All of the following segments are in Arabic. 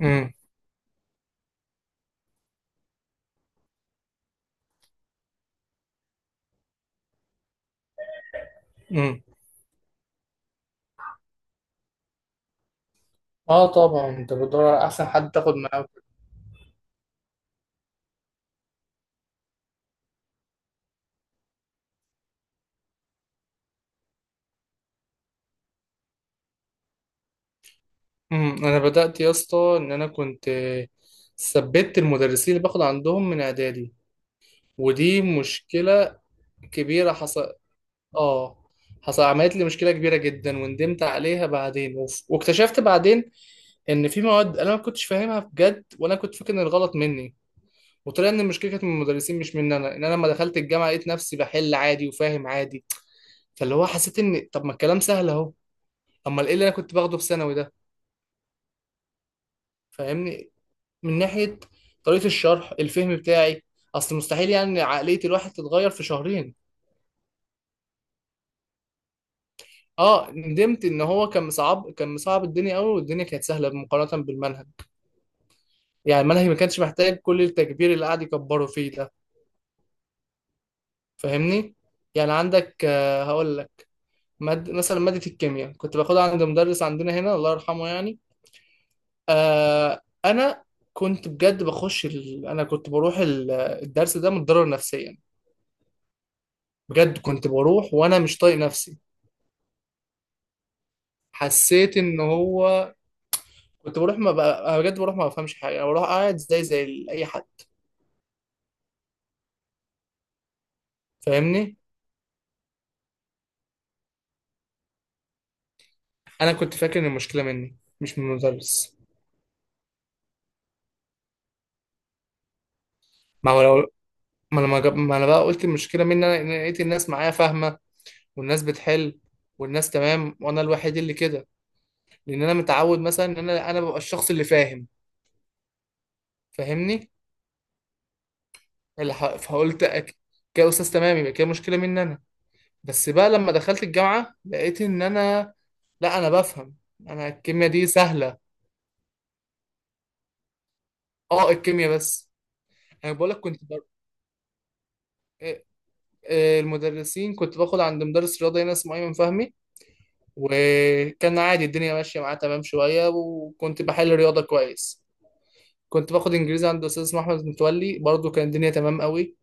امم. امم. اه طبعا انت بتدور على احسن حد تاخد معاه. امم. انا بدأت يا اسطى ان انا كنت ثبت المدرسين اللي باخد عندهم من اعدادي، ودي مشكلة كبيرة حصل. اه حصل عملت لي مشكلة كبيرة جدا وندمت عليها بعدين، واكتشفت بعدين ان في مواد انا ما كنتش فاهمها بجد، وانا كنت فاكر ان الغلط مني، وطلع ان المشكلة كانت من المدرسين مش مني انا. ان انا لما دخلت الجامعة لقيت نفسي بحل عادي وفاهم عادي، فاللي هو حسيت ان طب ما الكلام سهل اهو. اما ايه اللي انا كنت باخده في ثانوي ده؟ فاهمني. من ناحيه طريقه الشرح، الفهم بتاعي. اصل مستحيل يعني عقليه الواحد تتغير في شهرين. اه، ندمت ان هو كان مصعب، كان مصعب الدنيا قوي، والدنيا كانت سهله مقارنه بالمنهج. يعني المنهج ما كانش محتاج كل التكبير اللي قاعد يكبره فيه ده. فاهمني. يعني عندك، هقول لك. مثلا ماده الكيمياء كنت باخدها عند مدرس عندنا هنا الله يرحمه يعني. انا كنت بجد انا كنت بروح الدرس ده متضرر نفسيا. بجد كنت بروح وانا مش طايق نفسي. حسيت ان هو. كنت بروح، ما بقى أنا بجد بروح ما بفهمش حاجه، انا بروح قاعد زي اي حد. فاهمني. انا كنت فاكر ان المشكله مني مش من المدرس. ما هو لو، ما انا بقى قلت المشكله مني انا، إن أنا لقيت الناس معايا فاهمه، والناس بتحل، والناس تمام، وانا الوحيد اللي كده. لان انا متعود مثلا ان انا ببقى الشخص اللي فاهم. فاهمني. فقلت، كده استاذ تمام، يبقى كده مشكله مني انا. بس بقى لما دخلت الجامعة لقيت إن أنا، لا، أنا بفهم. أنا الكيمياء دي سهلة. أه، الكيمياء بس. أنا بقولك كنت بر... آه، آه، المدرسين كنت باخد عند مدرس رياضة هنا اسمه أيمن فهمي، وكان عادي الدنيا ماشية معاه تمام شوية وكنت بحل رياضة كويس. كنت باخد إنجليزي عند أستاذ اسمه أحمد متولي، برضه كان الدنيا تمام قوي.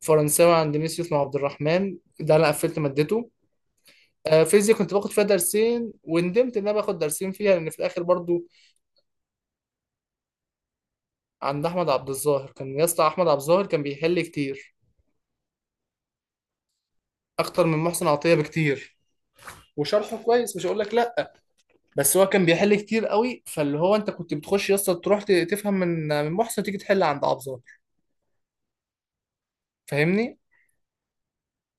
فرنساوي عند ميس يوسف عبد الرحمن، ده أنا قفلت مادته. فيزياء كنت باخد فيها درسين، وندمت إن أنا باخد درسين فيها لأن في الآخر برضه عند احمد عبد الظاهر كان. يا اسطى احمد عبد الظاهر كان بيحل كتير، اكتر من محسن عطيه بكتير، وشرحه كويس مش هقول لك لا. بس هو كان بيحل كتير قوي، فاللي هو انت كنت بتخش يا اسطى تروح تفهم من محسن، تيجي تحل عند عبد الظاهر. فاهمني.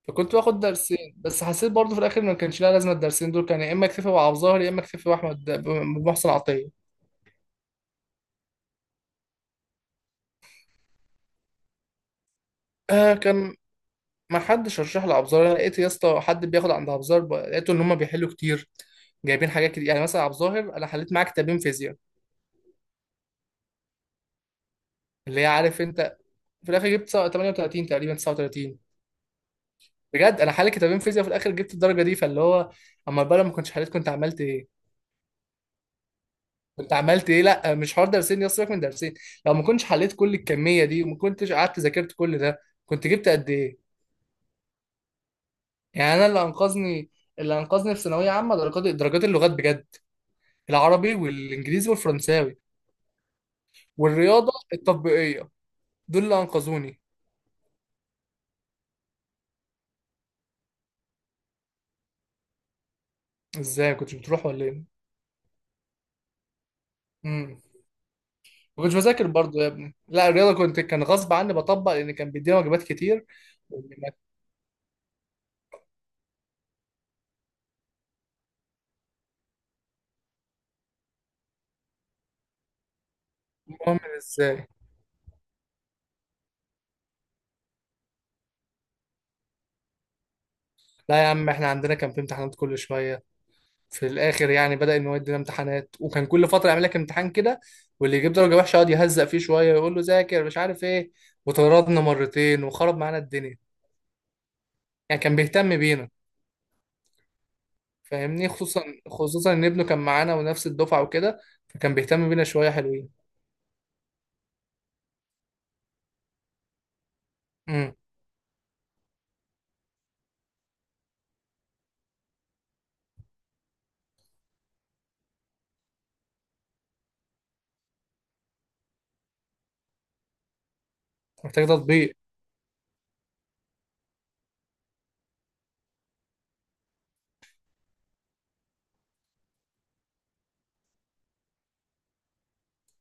فكنت باخد درسين، بس حسيت برضه في الاخر ما كانش لها لازمه الدرسين دول. كان يا اما اكتفي بعبد الظاهر يا اما اكتفي باحمد بمحسن عطيه. كان ما حدش رشح لعبد الظاهر، أنا لقيت يا اسطى حد بياخد عند عبد الظاهر، لقيته ان هم بيحلوا كتير، جايبين حاجات كتير. يعني مثلا عبد الظاهر انا حليت معاه كتابين فيزياء. اللي هي عارف انت، في الاخر جبت 38 تقريبا 39. بجد انا حالي كتابين فيزياء، في الاخر جبت الدرجه دي. فاللي هو اما بقى لو ما كنتش حليت كنت عملت ايه؟ كنت عملت ايه؟ لا مش حوار درسين، يا سيبك من درسين. لو ما كنتش حليت كل الكميه دي وما كنتش قعدت ذاكرت كل ده، كنت جبت قد ايه؟ يعني انا اللي انقذني، اللي انقذني في ثانويه عامه درجات، درجات اللغات بجد. العربي والانجليزي والفرنساوي والرياضه التطبيقيه، دول اللي انقذوني. ازاي كنتش بتروح ولا ايه؟ ما كنتش بذاكر برضه يا ابني. لا الرياضه كان غصب عني بطبق لان كان بيدينا واجبات كتير. مهم ازاي؟ لا يا عم احنا عندنا كان في امتحانات كل شويه. في الاخر يعني بدا ان هو يدينا امتحانات، وكان كل فتره يعمل لك امتحان كده، واللي يجيب درجه وحشه يقعد يهزق فيه شويه ويقول له ذاكر مش عارف ايه. وطردنا مرتين وخرب معانا الدنيا. يعني كان بيهتم بينا. فاهمني. خصوصا، خصوصا ان ابنه كان معانا ونفس الدفعه وكده، فكان بيهتم بينا شويه حلوين. امم. محتاج تطبيق.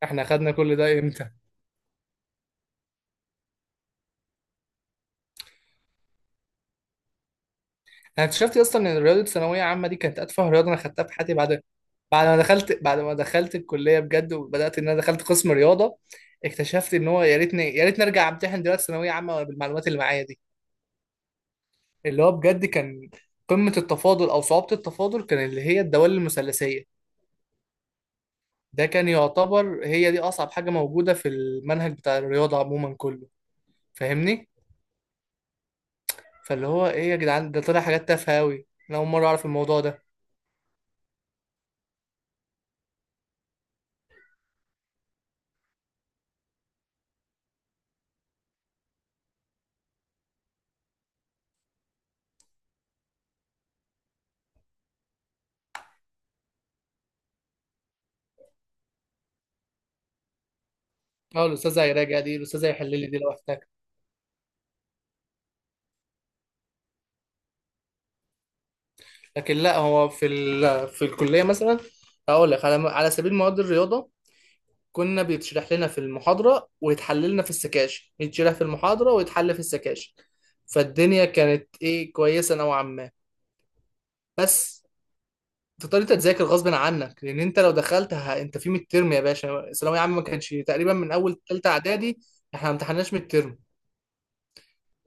احنا خدنا كل ده امتى؟ انا اكتشفت اصلا ان رياضه ثانويه عامه دي كانت اتفه رياضه انا خدتها في حياتي بعد. بعد ما دخلت الكليه بجد وبدات ان انا دخلت قسم رياضه، اكتشفت ان هو يا ريتني يا ريتني ارجع امتحن دلوقتي ثانويه عامه بالمعلومات اللي معايا دي. اللي هو بجد كان قمه التفاضل، او صعوبه التفاضل، كان اللي هي الدوال المثلثيه. ده كان يعتبر هي دي اصعب حاجه موجوده في المنهج بتاع الرياضه عموما كله. فاهمني. فاللي هو ايه يا جدعان، ده طلع حاجات تافهه قوي، انا اول مره اعرف الموضوع ده. اه، الاستاذه هيراجع دي، الاستاذه هيحل لي دي لوحدها. لكن لا، هو في الكليه مثلا، اقول لك على سبيل مواد الرياضه، كنا بيتشرح لنا في المحاضره ويتحل لنا في السكاشن، يتشرح في المحاضره ويتحل في السكاشن. فالدنيا كانت ايه، كويسه نوعا ما. بس تضطر انت تذاكر غصب عنك، لان انت لو دخلت انت في ميد ترم يا باشا، ثانويه عامه ما كانش تقريبا من اول ثالثه اعدادي احنا ما امتحناش ميد ترم.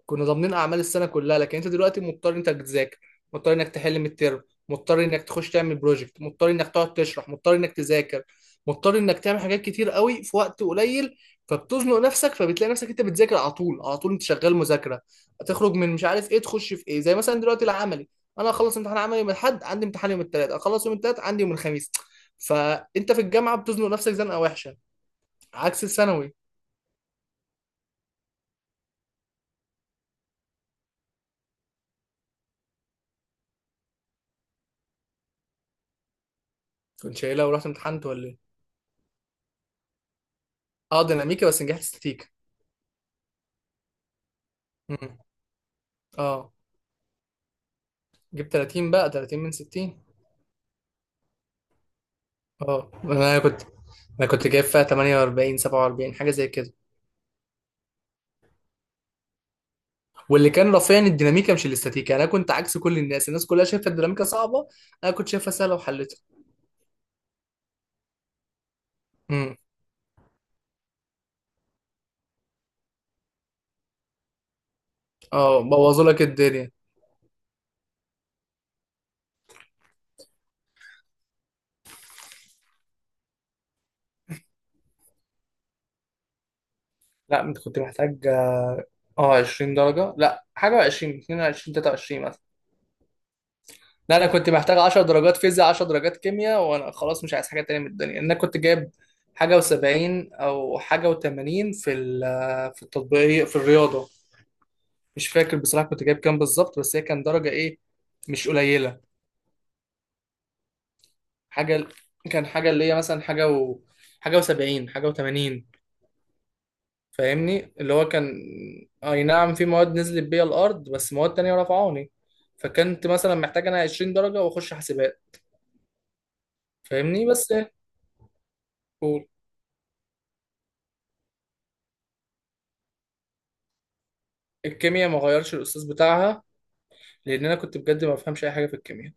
كنا ضامنين اعمال السنه كلها، لكن انت دلوقتي مضطر انك تذاكر، مضطر انك تحل من الترم، مضطر انك تخش تعمل بروجكت، مضطر انك تقعد تشرح، مضطر انك تذاكر، مضطر انك تعمل حاجات كتير قوي في وقت قليل. فبتزنق نفسك، فبتلاقي نفسك انت بتذاكر على طول على طول، انت شغال مذاكره. تخرج من مش عارف ايه تخش في ايه، زي مثلا دلوقتي العملي. انا اخلص امتحان عملي من الحد، عندي امتحان يوم الثلاث، اخلص يوم الثلاث عندي يوم الخميس. فانت في الجامعه بتزنق نفسك زنقه وحشه، عكس الثانوي. كنت شايلها ورحت امتحنت ولا ايه؟ اه، ديناميكا بس نجحت ستيك. اه، جيب 30 بقى، 30 من 60. اه، انا كنت جايب فيها 48 47 حاجه زي كده. واللي كان رافعني الديناميكا مش الاستاتيكا، انا كنت عكس كل الناس، الناس كلها شايفه الديناميكا صعبه، انا كنت شايفها سهله وحلتها. امم. اه، بوظوا لك الدنيا. لا انت كنت محتاج اه 20 درجه. لا حاجه، 20 22 23 مثلا. لا انا كنت محتاج 10 درجات فيزياء، 10 درجات كيمياء، وانا خلاص مش عايز حاجه تانية من الدنيا. انا كنت جايب حاجه و70 او حاجه و80، في التطبيقيه في الرياضه. مش فاكر بصراحه كنت جايب كام بالظبط، بس هي كان درجه ايه، مش قليله. حاجه، كان حاجه اللي هي مثلا حاجه و70، حاجه و80. فاهمني. اللي هو كان اي نعم في مواد نزلت بيها الارض، بس مواد تانية رفعوني. فكنت مثلا محتاج انا 20 درجه واخش حاسبات. فاهمني. بس ايه؟ الكيمياء ما غيرش الاستاذ بتاعها لان انا كنت بجد ما بفهمش اي حاجه في الكيمياء.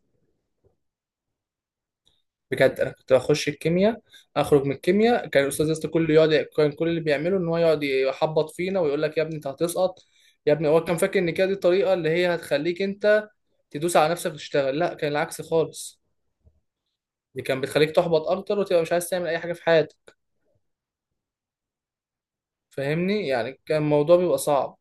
بجد انا كنت بخش الكيمياء، اخرج من الكيمياء، كان الاستاذ يسطا كله يقعد، كان كل اللي بيعمله ان هو يقعد يحبط فينا ويقول لك يا ابني انت هتسقط، يا ابني. هو كان فاكر ان كده دي الطريقه اللي هي هتخليك انت تدوس على نفسك وتشتغل. لا، كان العكس خالص. دي كان بتخليك تحبط اكتر وتبقى مش عايز تعمل اي حاجه في حياتك. فاهمني. يعني كان الموضوع بيبقى صعب.